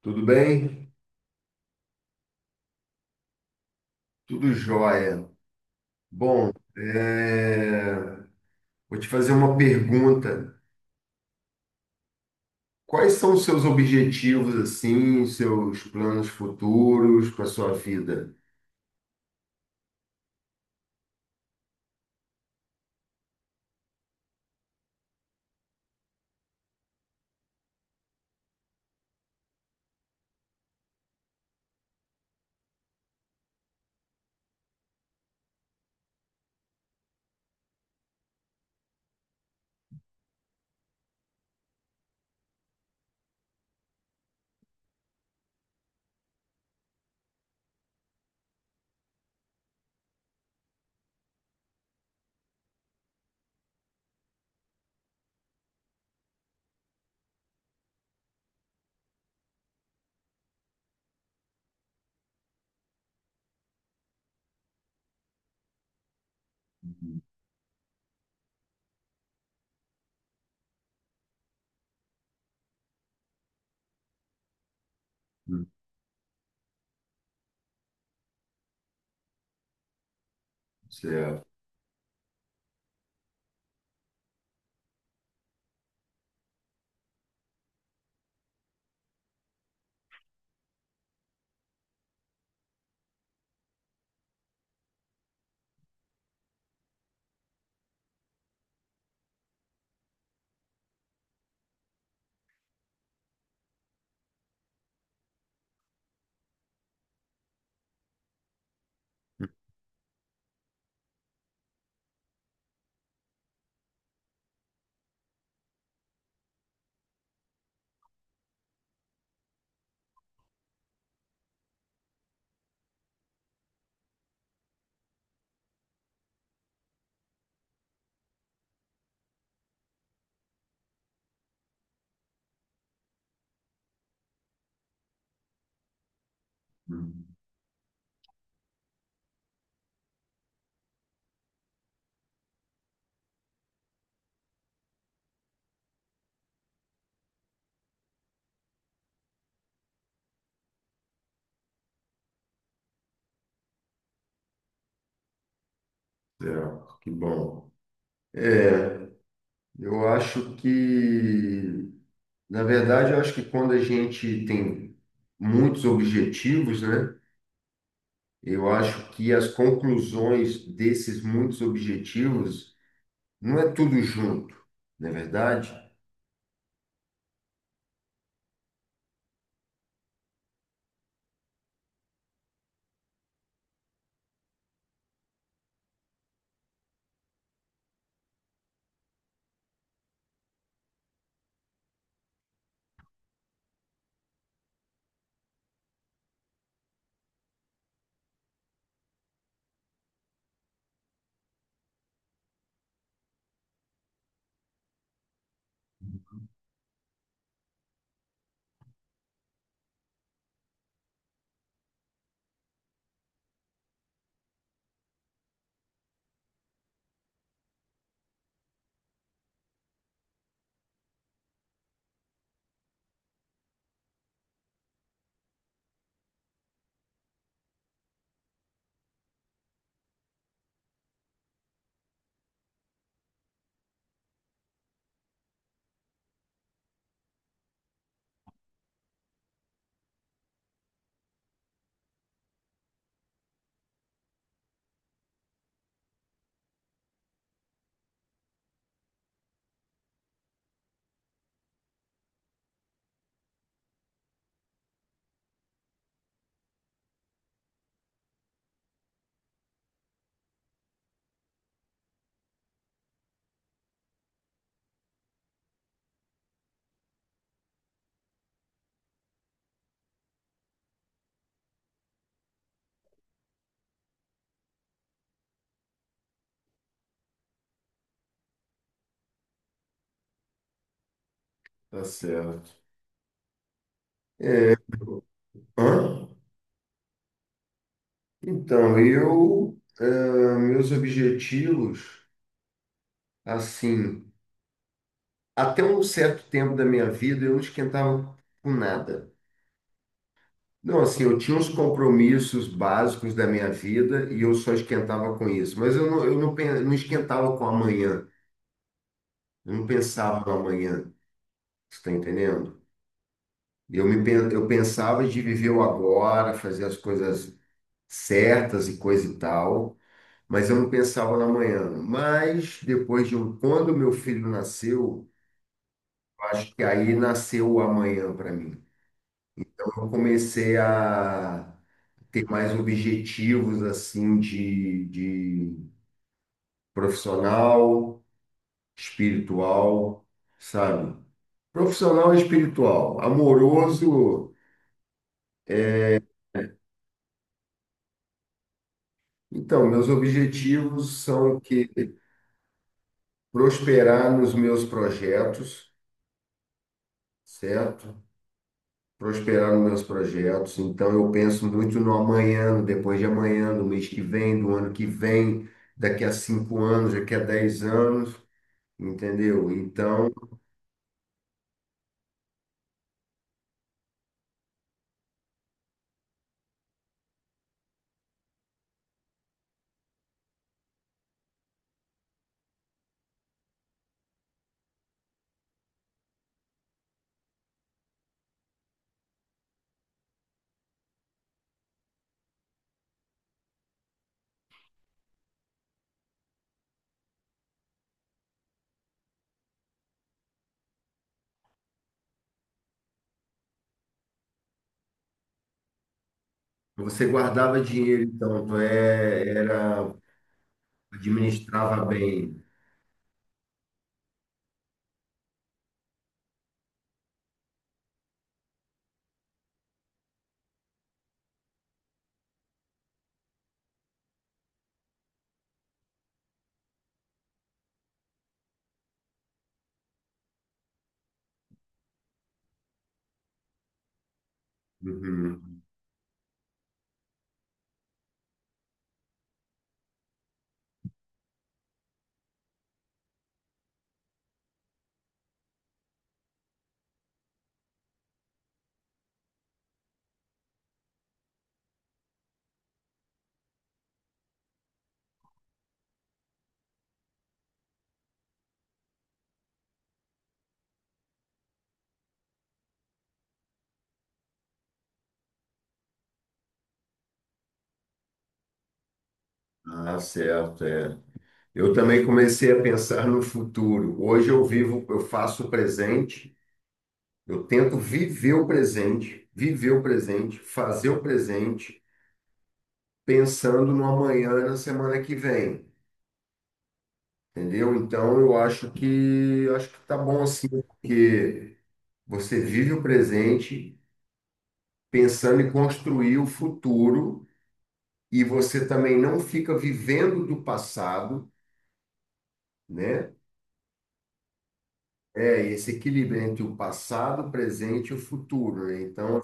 Tudo bem? Tudo jóia. Bom, vou te fazer uma pergunta. Quais são os seus objetivos, assim, os seus planos futuros para a sua vida? Hum. Certo. Hum, certo, que bom. É, eu acho que, na verdade, eu acho que quando a gente tem muitos objetivos, né? Eu acho que as conclusões desses muitos objetivos não é tudo junto, não é verdade? Tá certo. Hã? Então, meus objetivos, assim, até um certo tempo da minha vida eu não esquentava com nada. Não, assim, eu tinha uns compromissos básicos da minha vida e eu só esquentava com isso. Mas eu não, pen- não esquentava com amanhã, eu não pensava no amanhã, você está entendendo? Eu pensava de viver o agora, fazer as coisas certas e coisa e tal. Mas eu não pensava na manhã. Mas depois de um, quando meu filho nasceu, eu acho que aí nasceu o amanhã para mim. Então eu comecei a ter mais objetivos assim de profissional, espiritual, sabe? Profissional e espiritual, amoroso. Então, meus objetivos são que prosperar nos meus projetos, certo? Prosperar nos meus projetos. Então, eu penso muito no amanhã, no depois de amanhã, no mês que vem, do ano que vem, daqui a 5 anos, daqui a 10 anos, entendeu? Então, você guardava dinheiro, então, tu é, era, administrava bem. Uhum. Ah, certo, é. Eu também comecei a pensar no futuro. Hoje eu vivo, eu faço o presente, eu tento viver o presente, fazer o presente, pensando no amanhã e na semana que vem, entendeu? Então eu acho que tá bom assim, porque você vive o presente pensando em construir o futuro e você também não fica vivendo do passado, né? É esse equilíbrio entre o passado, o presente e o futuro, né? Então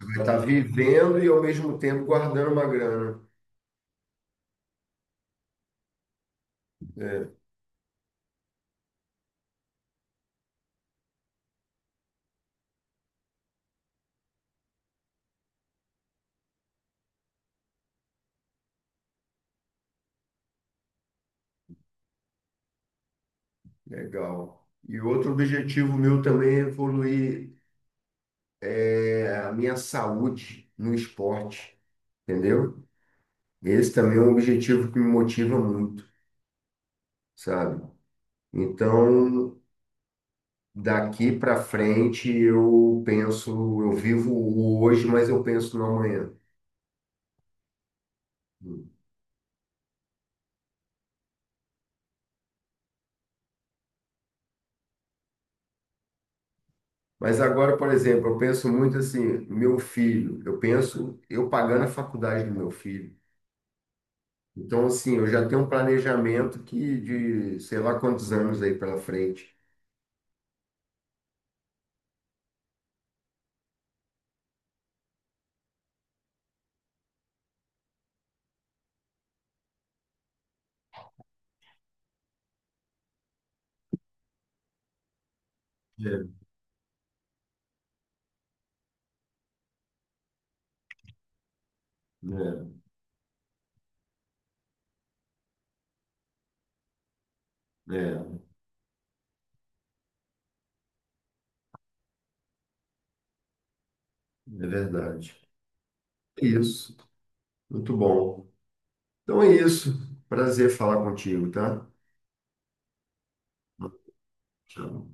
você vai estar vivendo e ao mesmo tempo guardando uma grana. É, legal. E outro objetivo meu também é evoluir é, a minha saúde no esporte, entendeu? Esse também é um objetivo que me motiva muito, sabe? Então, daqui para frente eu penso, eu vivo o hoje, mas eu penso no amanhã. Mas agora, por exemplo, eu penso muito assim, meu filho, eu penso eu pagando a faculdade do meu filho. Então, assim, eu já tenho um planejamento que de sei lá quantos anos aí pela frente. É, é, é, é verdade. Isso. Muito bom. Então é isso. Prazer falar contigo, tá? Tchau.